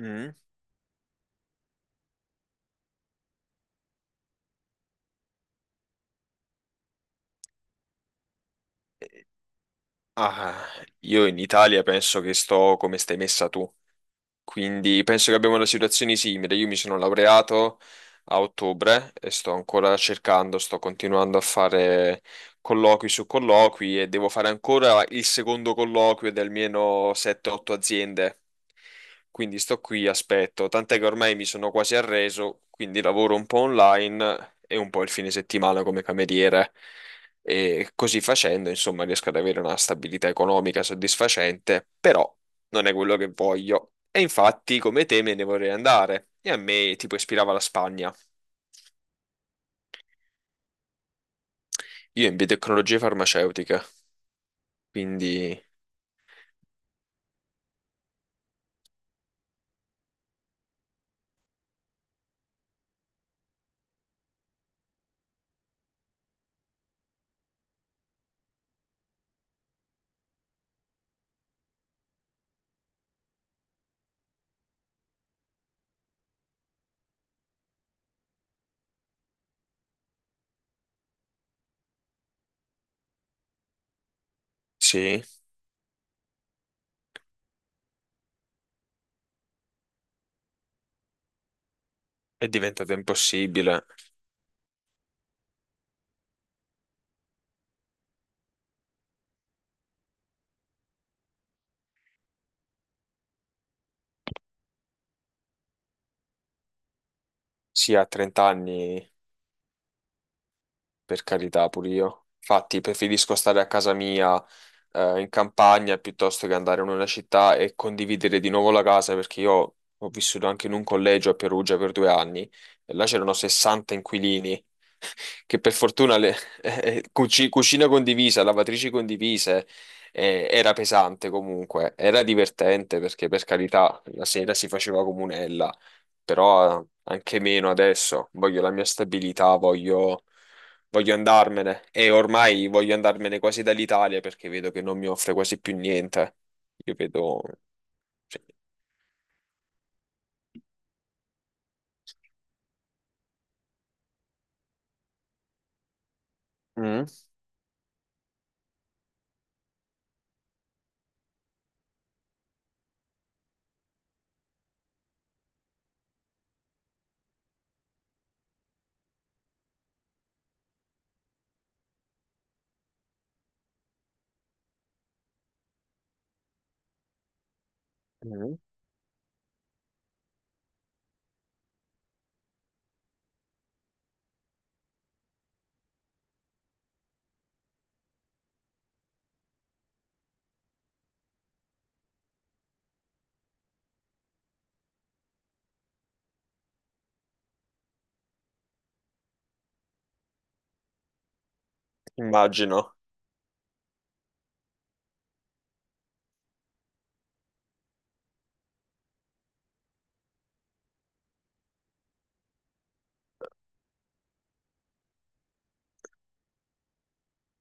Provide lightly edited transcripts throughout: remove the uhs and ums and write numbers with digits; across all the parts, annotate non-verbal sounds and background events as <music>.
Mm. Ah, io in Italia penso che sto come stai messa tu, quindi penso che abbiamo una situazione simile. Io mi sono laureato a ottobre e sto ancora cercando, sto continuando a fare colloqui su colloqui e devo fare ancora il secondo colloquio di almeno 7-8 aziende. Quindi sto qui, aspetto, tant'è che ormai mi sono quasi arreso, quindi lavoro un po' online e un po' il fine settimana come cameriere. E così facendo, insomma, riesco ad avere una stabilità economica soddisfacente, però non è quello che voglio. E infatti, come te, me ne vorrei andare. E a me tipo ispirava la Spagna. Io in biotecnologie farmaceutiche, quindi sì, è diventato impossibile. Sì, a 30 anni, per carità, pure io. Infatti, preferisco stare a casa mia in campagna piuttosto che andare in una città e condividere di nuovo la casa, perché io ho vissuto anche in un collegio a Perugia per 2 anni e là c'erano 60 inquilini. <laughs> Che per fortuna <laughs> cucina condivisa, lavatrici condivise, era pesante comunque, era divertente perché per carità la sera si faceva comunella, però anche meno adesso. Voglio la mia stabilità, voglio andarmene e ormai voglio andarmene quasi dall'Italia perché vedo che non mi offre quasi più niente. Io vedo, cioè. Mm. Mm. Immagino.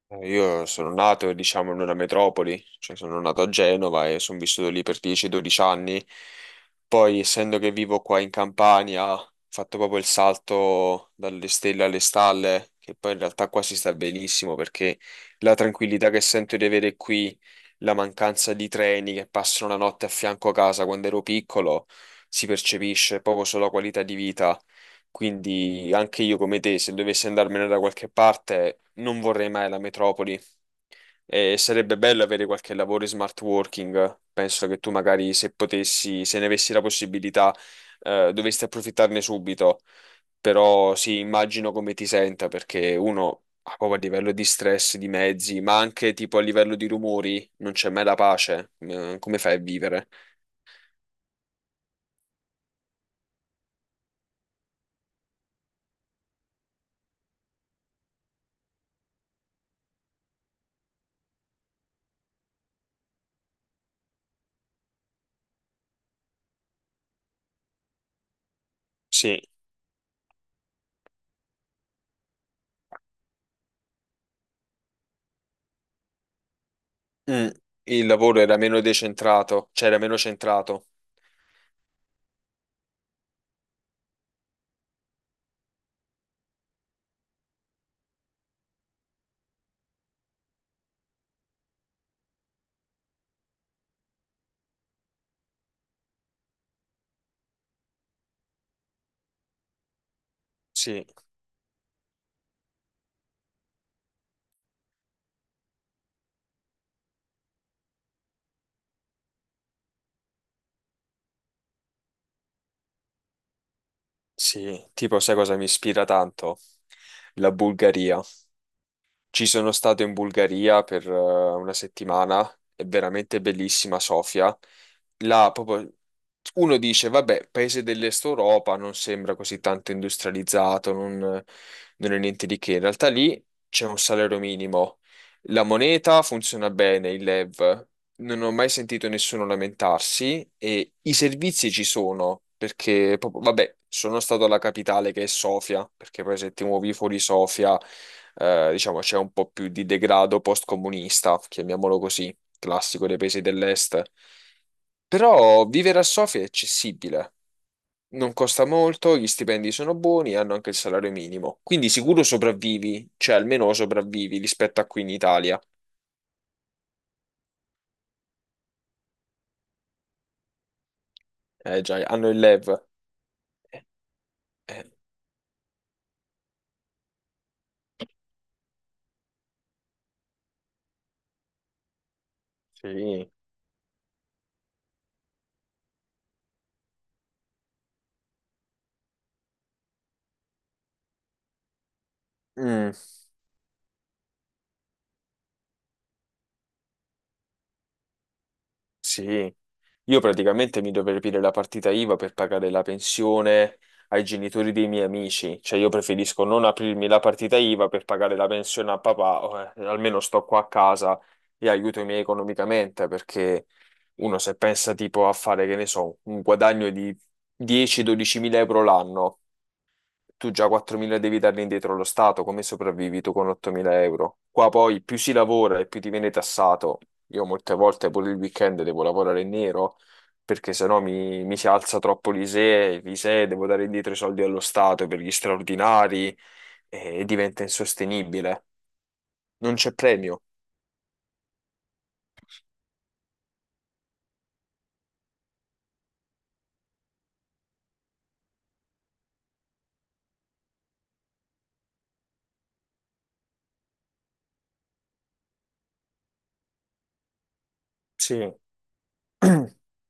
Io sono nato, diciamo, in una metropoli, cioè sono nato a Genova e sono vissuto lì per 10-12 anni. Poi, essendo che vivo qua in Campania, ho fatto proprio il salto dalle stelle alle stalle, che poi in realtà qua si sta benissimo perché la tranquillità che sento di avere qui, la mancanza di treni che passano la notte a fianco a casa quando ero piccolo, si percepisce proprio sulla qualità di vita. Quindi anche io come te, se dovessi andarmene da qualche parte, non vorrei mai la metropoli e sarebbe bello avere qualche lavoro in smart working. Penso che tu magari se potessi, se ne avessi la possibilità, dovresti approfittarne subito. Però sì, immagino come ti senta perché uno ha proprio a livello di stress, di mezzi, ma anche tipo a livello di rumori, non c'è mai la pace. Come fai a vivere? Sì. Mm. Il lavoro era meno decentrato, cioè era meno centrato. Sì. Sì, tipo sai cosa mi ispira tanto? La Bulgaria. Ci sono stato in Bulgaria per una settimana, è veramente bellissima Sofia. Là proprio uno dice, vabbè, paese dell'Est Europa non sembra così tanto industrializzato, non è niente di che. In realtà lì c'è un salario minimo. La moneta funziona bene, il lev. Non ho mai sentito nessuno lamentarsi e i servizi ci sono perché, vabbè, sono stato alla capitale che è Sofia, perché poi se ti muovi fuori Sofia, diciamo, c'è un po' più di degrado post-comunista, chiamiamolo così, classico dei paesi dell'est. Però vivere a Sofia è accessibile, non costa molto, gli stipendi sono buoni e hanno anche il salario minimo. Quindi sicuro sopravvivi, cioè almeno sopravvivi rispetto a qui in Italia. Eh già, hanno il LEV. Eh, eh, sì. Mm, sì, io praticamente mi dovrei aprire la partita IVA per pagare la pensione ai genitori dei miei amici, cioè io preferisco non aprirmi la partita IVA per pagare la pensione a papà, o, almeno sto qua a casa e aiuto i miei economicamente, perché uno se pensa tipo a fare, che ne so, un guadagno di 10-12 mila euro l'anno tu già 4.000 devi darli indietro allo Stato, come sopravvivi tu con 8.000 euro? Qua poi più si lavora e più ti viene tassato. Io molte volte pure il weekend devo lavorare in nero perché sennò mi si alza troppo l'ISEE, l'ISEE devo dare indietro i soldi allo Stato per gli straordinari e diventa insostenibile. Non c'è premio. Sì. <clears throat>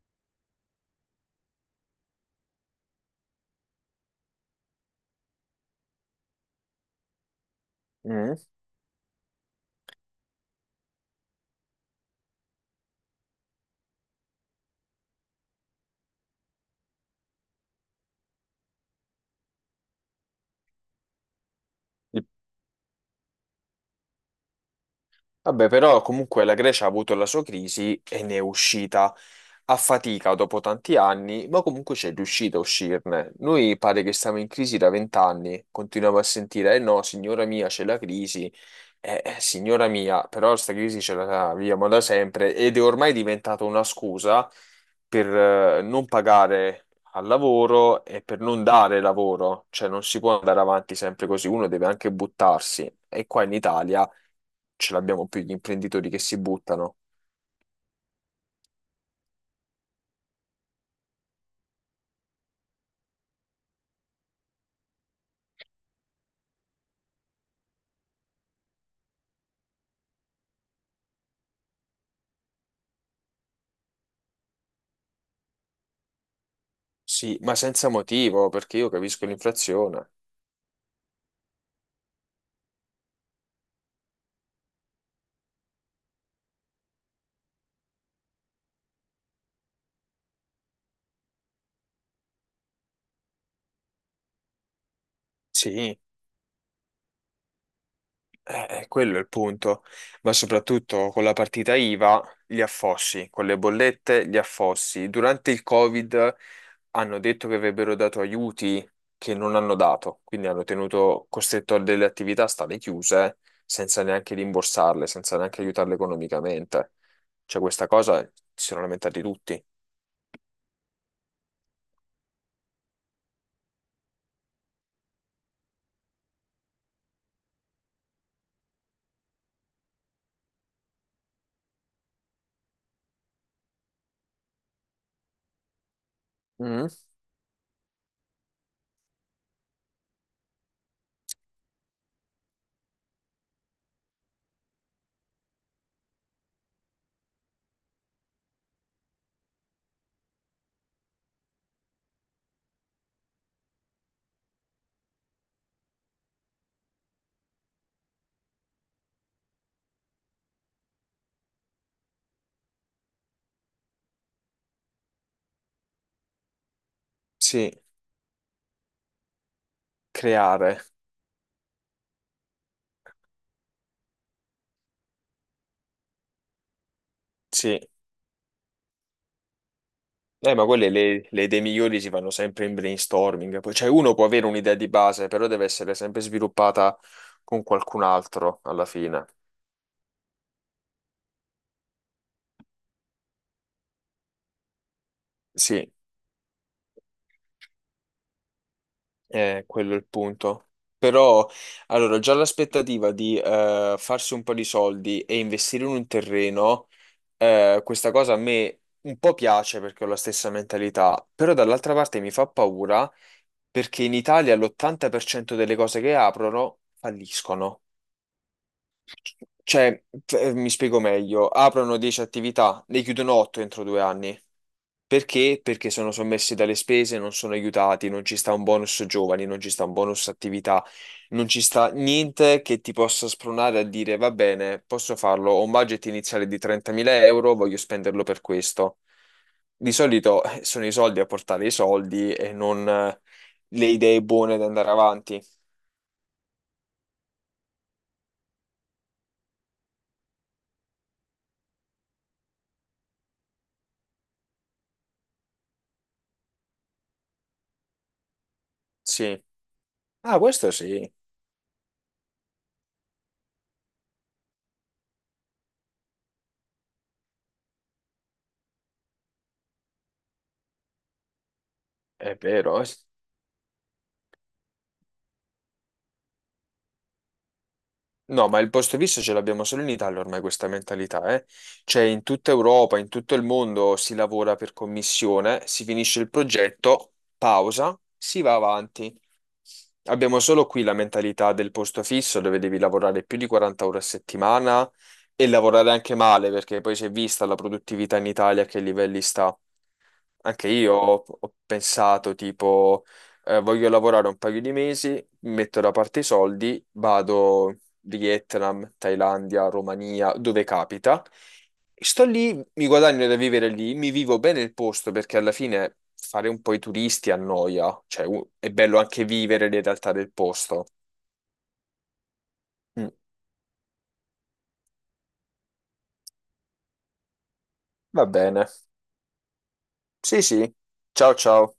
Mm. Vabbè, però comunque la Grecia ha avuto la sua crisi e ne è uscita a fatica dopo tanti anni, ma comunque c'è riuscita a uscirne. Noi pare che stiamo in crisi da 20 anni, continuiamo a sentire, eh no, signora mia, c'è la crisi, signora mia, però questa crisi ce la viviamo da sempre ed è ormai diventata una scusa per non pagare al lavoro e per non dare lavoro, cioè non si può andare avanti sempre così, uno deve anche buttarsi. E qua in Italia ce l'abbiamo più gli imprenditori che si buttano. Sì, ma senza motivo, perché io capisco l'inflazione. Sì, quello è il punto. Ma soprattutto con la partita IVA, gli affossi, con le bollette, gli affossi. Durante il Covid hanno detto che avrebbero dato aiuti che non hanno dato, quindi hanno tenuto costretto a delle attività a stare chiuse senza neanche rimborsarle, senza neanche aiutarle economicamente. Cioè questa cosa si sono lamentati tutti. Mm, sì, creare. Sì, ma quelle le idee migliori si fanno sempre in brainstorming. Poi, cioè, uno può avere un'idea di base, però deve essere sempre sviluppata con qualcun altro alla fine. Sì, quello è il punto. Però, allora, già l'aspettativa di farsi un po' di soldi e investire in un terreno, questa cosa a me un po' piace perché ho la stessa mentalità, però dall'altra parte mi fa paura perché in Italia l'80% delle cose che aprono falliscono. Cioè, mi spiego meglio, aprono 10 attività, ne chiudono 8 entro 2 anni. Perché? Perché sono sommessi dalle spese, non sono aiutati, non ci sta un bonus giovani, non ci sta un bonus attività, non ci sta niente che ti possa spronare a dire va bene, posso farlo, ho un budget iniziale di 30.000 euro, voglio spenderlo per questo. Di solito sono i soldi a portare i soldi e non le idee buone da andare avanti. Sì. Ah, questo sì, è vero. Eh sì. No, ma il posto fisso ce l'abbiamo solo in Italia ormai questa mentalità, eh? Cioè in tutta Europa, in tutto il mondo si lavora per commissione, si finisce il progetto, pausa, si va avanti. Abbiamo solo qui la mentalità del posto fisso dove devi lavorare più di 40 ore a settimana e lavorare anche male perché poi si è vista la produttività in Italia a che livelli sta. Anche io ho pensato tipo voglio lavorare un paio di mesi, mi metto da parte i soldi, vado Vietnam, Thailandia, Romania, dove capita. E sto lì, mi guadagno da vivere lì, mi vivo bene il posto perché alla fine fare un po' i turisti annoia, cioè è bello anche vivere le realtà del posto. Mm, va bene. Sì, sì. Ciao, ciao.